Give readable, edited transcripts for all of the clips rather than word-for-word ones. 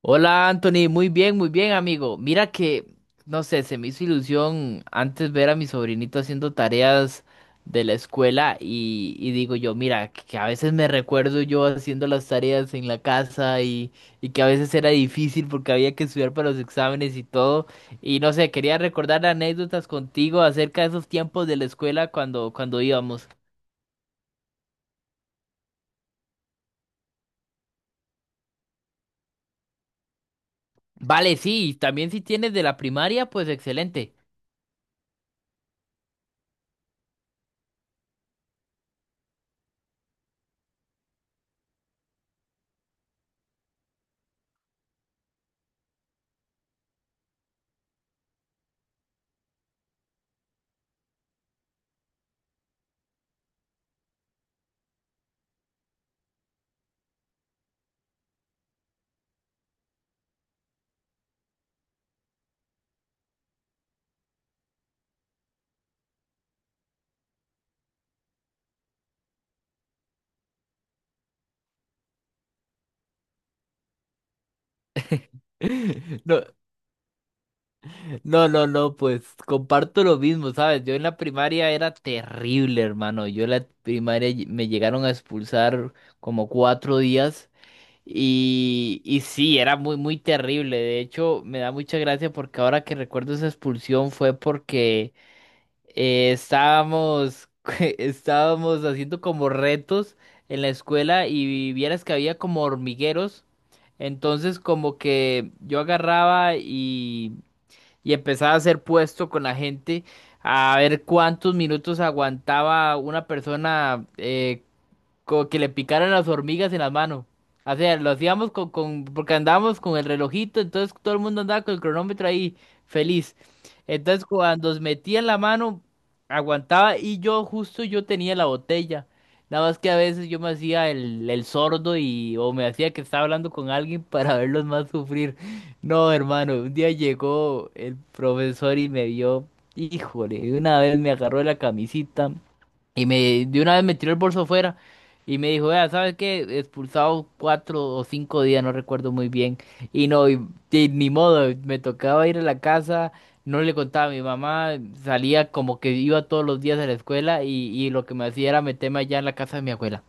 Hola Anthony, muy bien amigo. Mira que, no sé, se me hizo ilusión antes ver a mi sobrinito haciendo tareas de la escuela y digo yo, mira, que a veces me recuerdo yo haciendo las tareas en la casa y que a veces era difícil porque había que estudiar para los exámenes y todo. Y no sé, quería recordar anécdotas contigo acerca de esos tiempos de la escuela cuando íbamos. Vale, sí, también si tienes de la primaria, pues excelente. No. No, no, no, pues comparto lo mismo, ¿sabes? Yo en la primaria era terrible, hermano. Yo en la primaria me llegaron a expulsar como 4 días y sí, era muy, muy terrible. De hecho, me da mucha gracia porque ahora que recuerdo esa expulsión fue porque estábamos, estábamos haciendo como retos en la escuela y vieras que había como hormigueros. Entonces como que yo agarraba y empezaba a hacer puesto con la gente a ver cuántos minutos aguantaba una persona como que le picaran las hormigas en las manos. O sea, lo hacíamos porque andábamos con el relojito, entonces todo el mundo andaba con el cronómetro ahí, feliz. Entonces cuando os metía en la mano, aguantaba y yo justo yo tenía la botella. Nada más que a veces yo me hacía el sordo y o me hacía que estaba hablando con alguien para verlos más sufrir. No, hermano, un día llegó el profesor y me vio, híjole, de una vez me agarró de la camisita. De una vez me tiró el bolso fuera y me dijo, vea, ¿sabes qué? Expulsado 4 o 5 días, no recuerdo muy bien. Y no, y ni modo, me tocaba ir a la casa, no le contaba a mi mamá, salía como que iba todos los días a la escuela y lo que me hacía era meterme allá en la casa de mi abuela.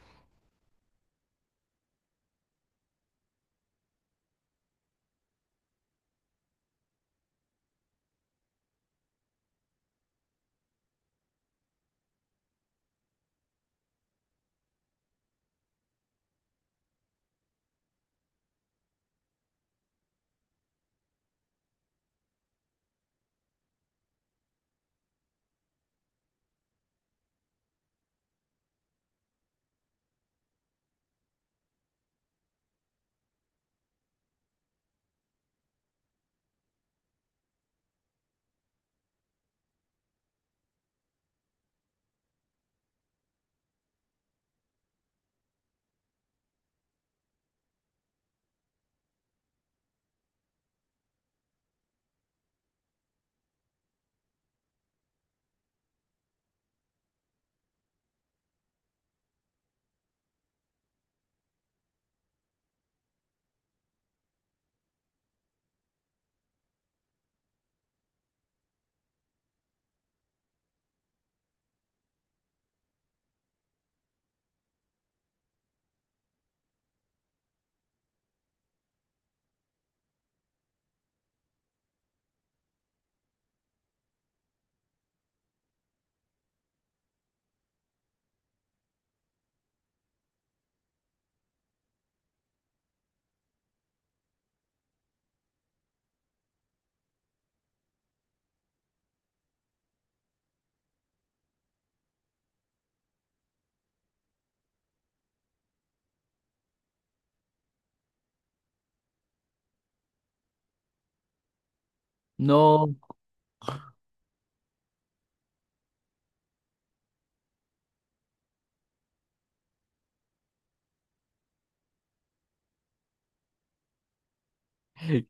No,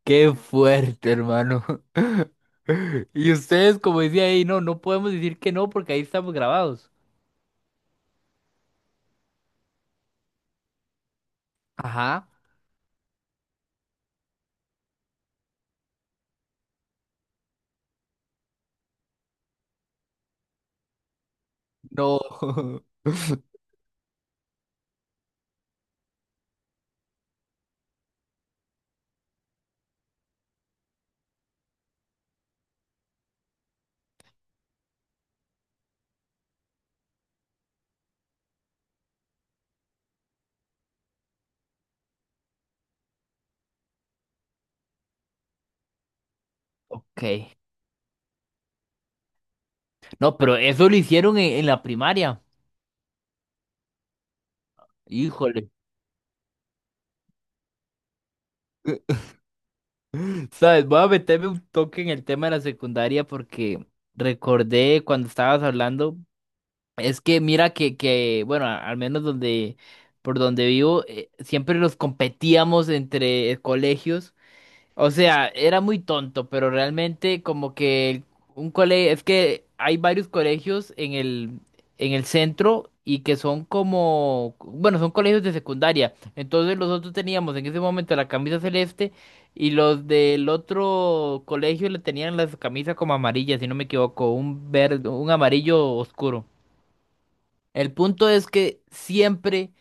qué fuerte, hermano. Y ustedes, como decía ahí, no, no podemos decir que no porque ahí estamos grabados. Ajá. No. Ok. No, pero eso lo hicieron en la primaria. Híjole. ¿Sabes? Voy a meterme un toque en el tema de la secundaria porque recordé cuando estabas hablando. Es que mira que, que bueno, al menos donde, por donde vivo, siempre los competíamos entre colegios. O sea, era muy tonto, pero realmente como que un colegio, es que hay varios colegios en el centro y que son como, bueno, son colegios de secundaria. Entonces nosotros teníamos en ese momento la camisa celeste y los del otro colegio le tenían las camisas como amarillas, si no me equivoco, un verde, un amarillo oscuro. El punto es que siempre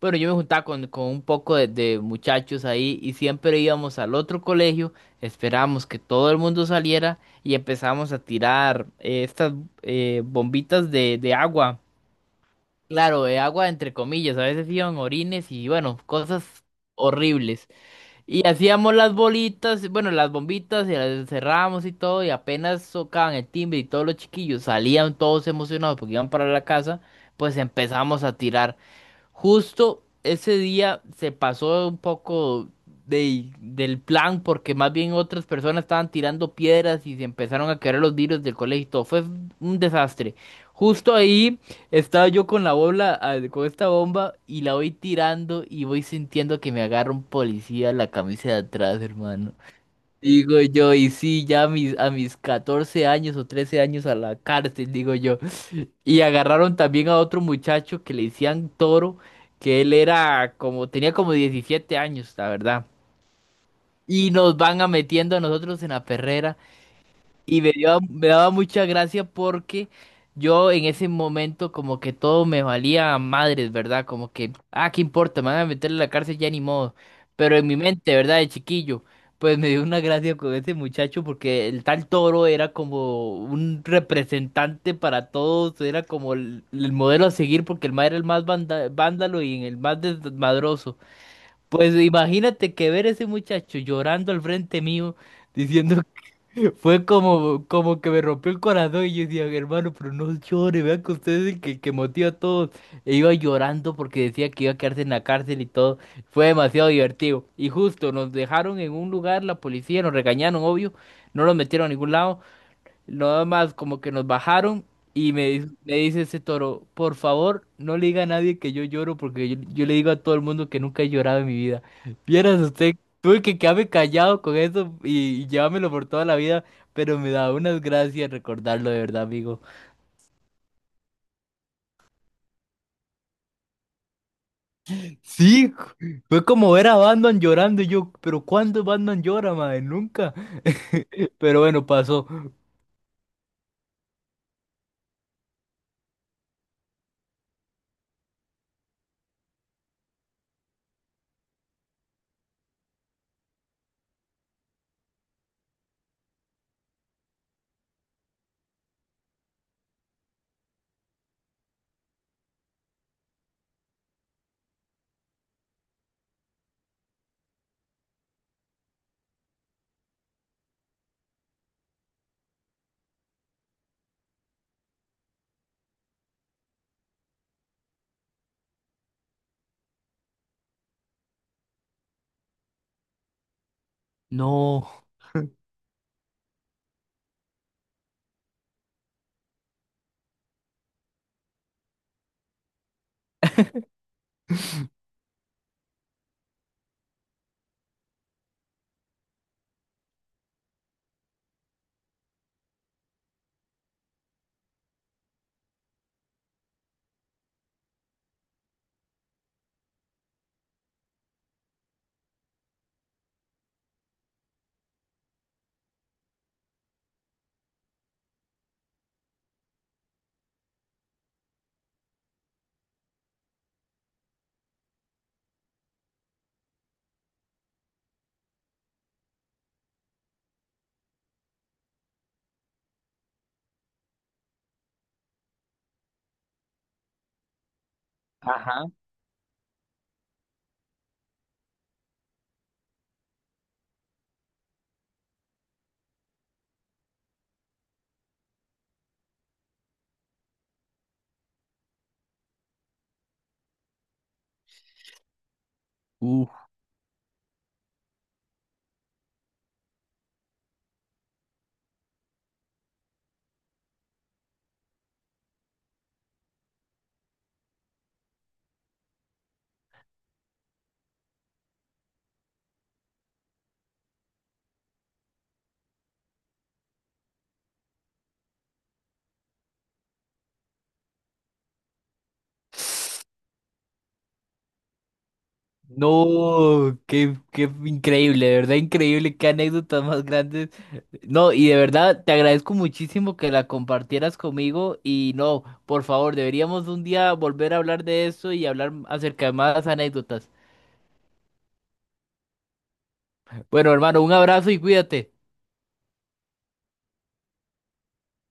bueno, yo me juntaba con un poco de muchachos ahí y siempre íbamos al otro colegio, esperábamos que todo el mundo saliera y empezábamos a tirar estas bombitas de agua. Claro, de agua entre comillas, a veces iban orines y bueno, cosas horribles. Y hacíamos las bolitas, bueno, las bombitas y las encerrábamos y todo y apenas tocaban el timbre y todos los chiquillos salían todos emocionados porque iban para la casa, pues empezamos a tirar. Justo ese día se pasó un poco de- del plan porque más bien otras personas estaban tirando piedras y se empezaron a caer los vidrios del colegio y todo. Fue un desastre. Justo ahí estaba yo con la bola, ah, con esta bomba y la voy tirando y voy sintiendo que me agarra un policía la camisa de atrás, hermano. Digo yo, y sí, ya a mis 14 años o 13 años a la cárcel, digo yo. Y agarraron también a otro muchacho que le decían Toro, que él era como, tenía como 17 años, la verdad. Y nos van a metiendo a nosotros en la perrera. Y me daba mucha gracia porque yo en ese momento como que todo me valía a madres, ¿verdad? Como que, ah, ¿qué importa? Me van a meter en la cárcel ya ni modo. Pero en mi mente, ¿verdad? De chiquillo, pues me dio una gracia con ese muchacho porque el tal Toro era como un representante para todos, era como el modelo a seguir porque el mae era el más vándalo y el más desmadroso. Pues imagínate que ver ese muchacho llorando al frente mío, diciendo fue como, como que me rompió el corazón y yo decía, hermano, pero no llore, vea que usted es el que motiva a todos. E iba llorando porque decía que iba a quedarse en la cárcel y todo. Fue demasiado divertido. Y justo nos dejaron en un lugar, la policía nos regañaron, obvio, no nos metieron a ningún lado. Nada más como que nos bajaron y me dice ese Toro, por favor, no le diga a nadie que yo lloro porque yo le digo a todo el mundo que nunca he llorado en mi vida. Vieras usted, tuve que quedarme callado con eso y llevármelo por toda la vida, pero me da unas gracias recordarlo de verdad, amigo. Sí, fue como ver a Batman llorando y yo, pero ¿cuándo Batman llora, madre? Nunca. Pero bueno, pasó. No. Ajá. No, qué, qué increíble, de verdad increíble, qué anécdotas más grandes. No, y de verdad te agradezco muchísimo que la compartieras conmigo y no, por favor, deberíamos un día volver a hablar de eso y hablar acerca de más anécdotas. Bueno, hermano, un abrazo y cuídate.